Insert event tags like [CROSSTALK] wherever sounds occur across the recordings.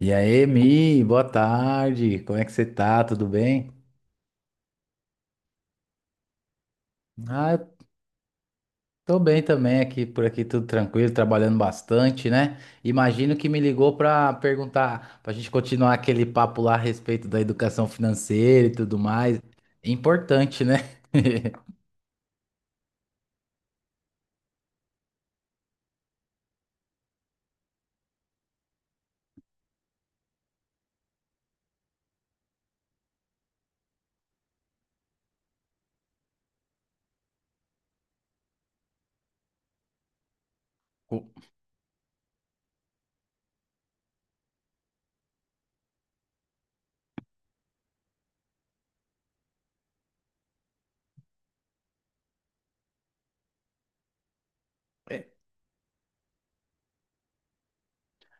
E aí, Mi, boa tarde. Como é que você tá? Tudo bem? Ah, eu tô bem também aqui, por aqui tudo tranquilo, trabalhando bastante, né? Imagino que me ligou pra perguntar, pra gente continuar aquele papo lá a respeito da educação financeira e tudo mais. Importante, né? [LAUGHS] Co-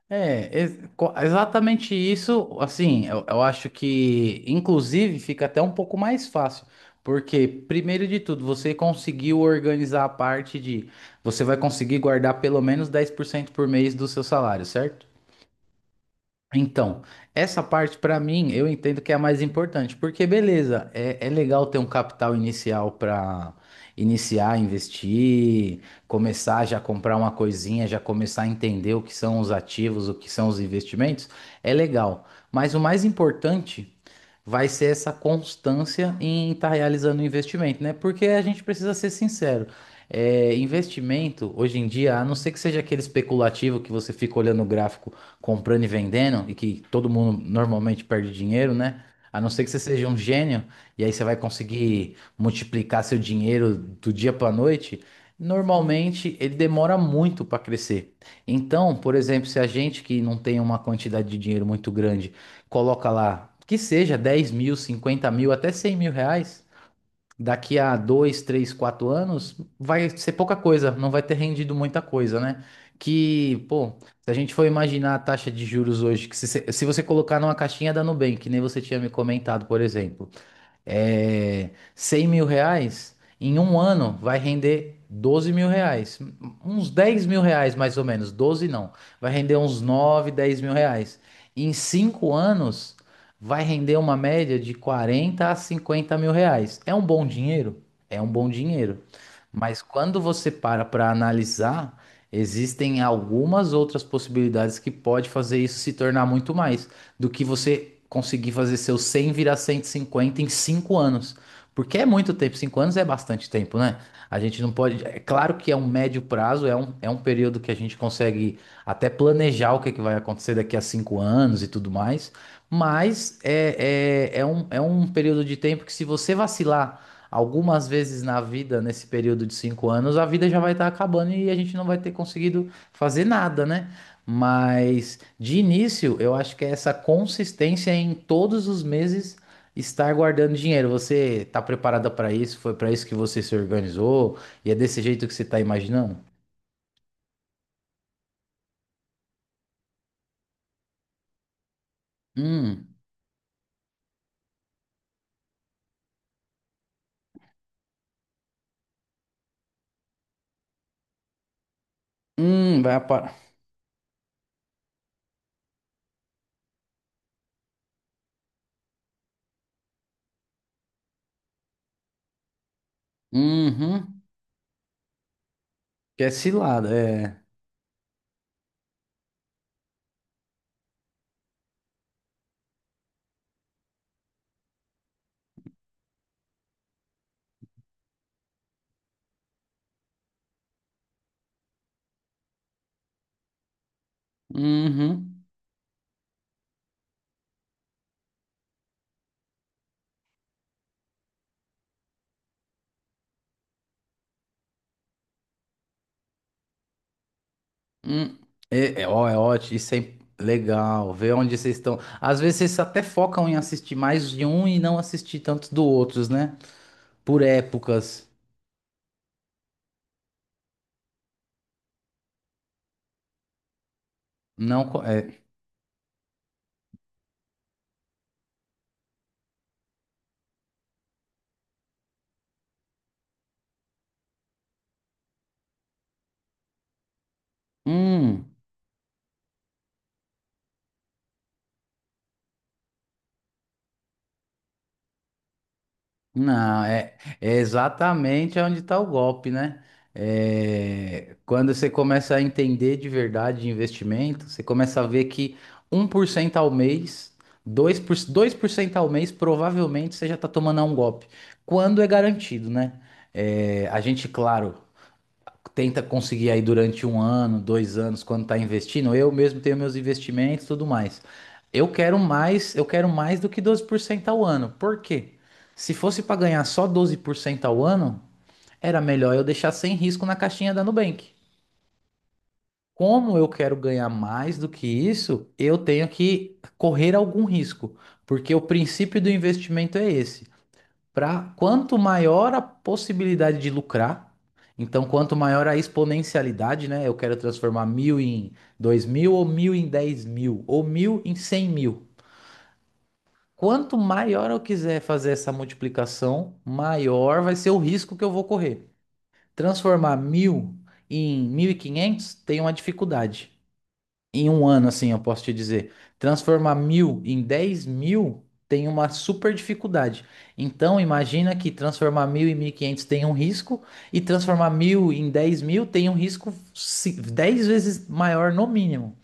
exatamente isso. Assim, eu acho que, inclusive, fica até um pouco mais fácil, porque, primeiro de tudo, você conseguiu organizar a parte de. Você vai conseguir guardar pelo menos 10% por mês do seu salário, certo? Então, essa parte para mim eu entendo que é a mais importante, porque beleza, é legal ter um capital inicial para iniciar, a investir, começar já a comprar uma coisinha, já começar a entender o que são os ativos, o que são os investimentos, é legal. Mas o mais importante vai ser essa constância em estar realizando o investimento, né? Porque a gente precisa ser sincero. É, investimento, hoje em dia, a não ser que seja aquele especulativo que você fica olhando o gráfico comprando e vendendo, e que todo mundo normalmente perde dinheiro, né? A não ser que você seja um gênio, e aí você vai conseguir multiplicar seu dinheiro do dia para noite, normalmente ele demora muito para crescer. Então, por exemplo, se a gente que não tem uma quantidade de dinheiro muito grande, coloca lá, que seja 10 mil, 50 mil, até 100 mil reais, daqui a dois, três, quatro anos, vai ser pouca coisa, não vai ter rendido muita coisa, né? Que, pô, se a gente for imaginar a taxa de juros hoje, que se você colocar numa caixinha da Nubank, que nem você tinha me comentado, por exemplo, é, 100 mil reais, em um ano vai render 12 mil reais. Uns 10 mil reais mais ou menos, 12 não. Vai render uns 9 10 mil reais. Em 5 anos, vai render uma média de 40 a 50 mil reais. É um bom dinheiro? É um bom dinheiro. Mas quando você para para analisar, existem algumas outras possibilidades que pode fazer isso se tornar muito mais do que você conseguir fazer seus 100 virar 150 em 5 anos. Porque é muito tempo, 5 anos é bastante tempo, né? A gente não pode. É claro que é um médio prazo, é um período que a gente consegue até planejar o que, é que vai acontecer daqui a 5 anos e tudo mais, mas é um período de tempo que, se você vacilar algumas vezes na vida, nesse período de 5 anos, a vida já vai estar acabando e a gente não vai ter conseguido fazer nada, né? Mas de início, eu acho que é essa consistência em todos os meses estar guardando dinheiro. Você está preparada para isso? Foi para isso que você se organizou? E é desse jeito que você está imaginando? Hum, vai aparar. Uhum, que é cilada, é. Uhum, hum. É, ó, é ótimo, isso é legal. Ver onde vocês estão. Às vezes vocês até focam em assistir mais de um e não assistir tanto do outros, né? Por épocas. Não, é. Hum. Não, é exatamente onde está o golpe, né? É, quando você começa a entender de verdade de investimento, você começa a ver que 1% ao mês, 2%, 2% ao mês, provavelmente você já está tomando um golpe. Quando é garantido, né? É, a gente, claro, tenta conseguir aí durante um ano, 2 anos, quando tá investindo. Eu mesmo tenho meus investimentos e tudo mais. Eu quero mais, eu quero mais do que 12% ao ano. Por quê? Se fosse para ganhar só 12% ao ano, era melhor eu deixar sem risco na caixinha da Nubank. Como eu quero ganhar mais do que isso, eu tenho que correr algum risco, porque o princípio do investimento é esse. Pra, quanto maior a possibilidade de lucrar, então quanto maior a exponencialidade, né? Eu quero transformar mil em dois mil, ou mil em dez mil, ou mil em cem mil. Quanto maior eu quiser fazer essa multiplicação, maior vai ser o risco que eu vou correr. Transformar mil em 1.500 tem uma dificuldade em um ano, assim, eu posso te dizer, transformar mil em 10 mil tem uma super dificuldade. Então, imagina que transformar mil em 1.500 tem um risco, e transformar mil em 10 mil tem um risco 10 vezes maior no mínimo.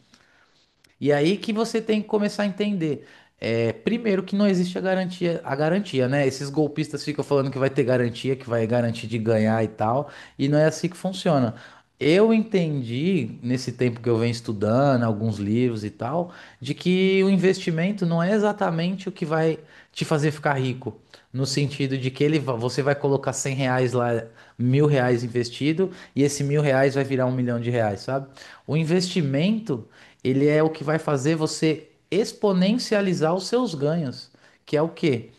E aí que você tem que começar a entender. É, primeiro que não existe a garantia, né? Esses golpistas ficam falando que vai ter garantia, que vai garantir de ganhar e tal, e não é assim que funciona. Eu entendi, nesse tempo que eu venho estudando, alguns livros e tal, de que o investimento não é exatamente o que vai te fazer ficar rico. No sentido de que você vai colocar 100 reais lá, mil reais investido, e esse mil reais vai virar 1 milhão de reais, sabe? O investimento ele é o que vai fazer você exponencializar os seus ganhos, que é o quê?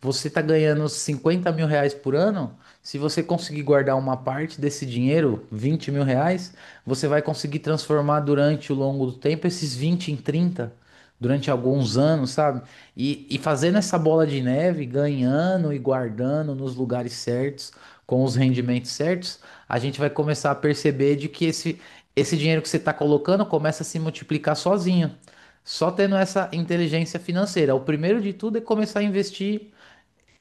Você tá ganhando 50 mil reais por ano. Se você conseguir guardar uma parte desse dinheiro, 20 mil reais, você vai conseguir transformar durante o longo do tempo esses 20 em 30 durante alguns anos, sabe? E fazendo essa bola de neve, ganhando e guardando nos lugares certos, com os rendimentos certos, a gente vai começar a perceber de que esse dinheiro que você está colocando começa a se multiplicar sozinho. Só tendo essa inteligência financeira. O primeiro de tudo é começar a investir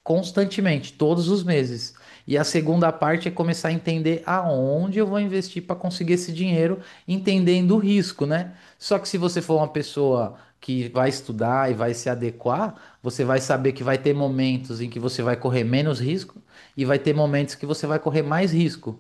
constantemente, todos os meses. E a segunda parte é começar a entender aonde eu vou investir para conseguir esse dinheiro, entendendo o risco, né? Só que se você for uma pessoa que vai estudar e vai se adequar, você vai saber que vai ter momentos em que você vai correr menos risco e vai ter momentos que você vai correr mais risco.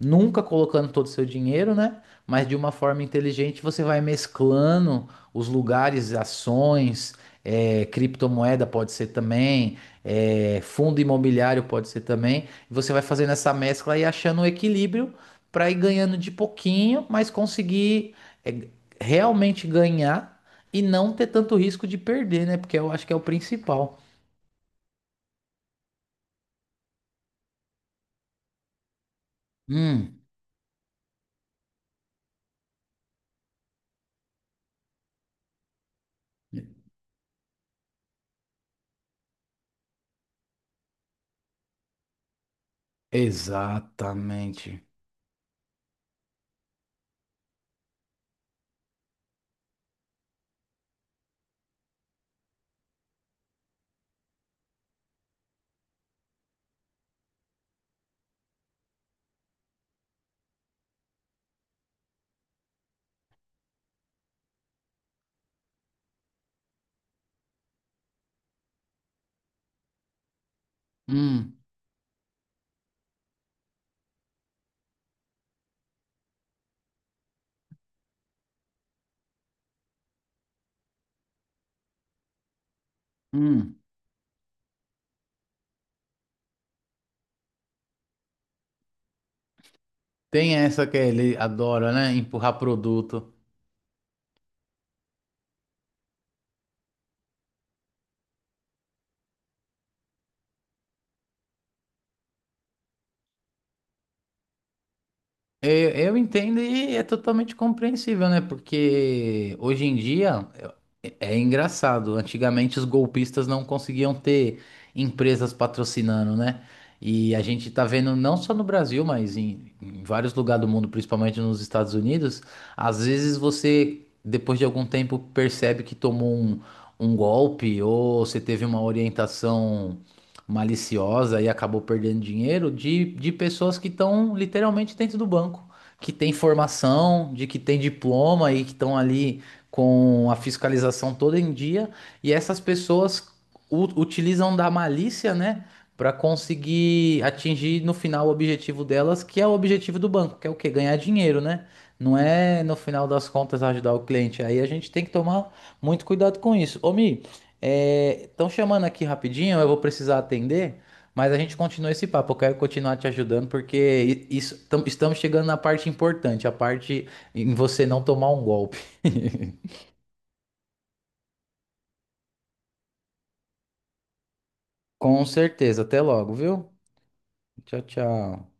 Nunca colocando todo o seu dinheiro, né? Mas de uma forma inteligente você vai mesclando os lugares, ações, criptomoeda pode ser também fundo imobiliário pode ser também. Você vai fazendo essa mescla e achando um equilíbrio para ir ganhando de pouquinho, mas conseguir é, realmente ganhar e não ter tanto risco de perder, né? Porque eu acho que é o principal. Hum, exatamente. Hum, hum. Tem essa que ele adora, né? Empurrar produto. Eu entendo e é totalmente compreensível, né? Porque hoje em dia. É engraçado. Antigamente os golpistas não conseguiam ter empresas patrocinando, né? E a gente tá vendo não só no Brasil, mas em vários lugares do mundo, principalmente nos Estados Unidos, às vezes você, depois de algum tempo, percebe que tomou um golpe ou você teve uma orientação maliciosa e acabou perdendo dinheiro de pessoas que estão literalmente dentro do banco, que tem formação, de que tem diploma e que estão ali com a fiscalização toda em dia, e essas pessoas utilizam da malícia, né, para conseguir atingir no final o objetivo delas, que é o objetivo do banco, que é o quê? Ganhar dinheiro, né? Não é no final das contas ajudar o cliente. Aí a gente tem que tomar muito cuidado com isso. Ô, Mi, estão chamando aqui rapidinho, eu vou precisar atender. Mas a gente continua esse papo, eu quero continuar te ajudando, porque isso, estamos chegando na parte importante, a parte em você não tomar um golpe. [LAUGHS] Com certeza. Até logo, viu? Tchau, tchau.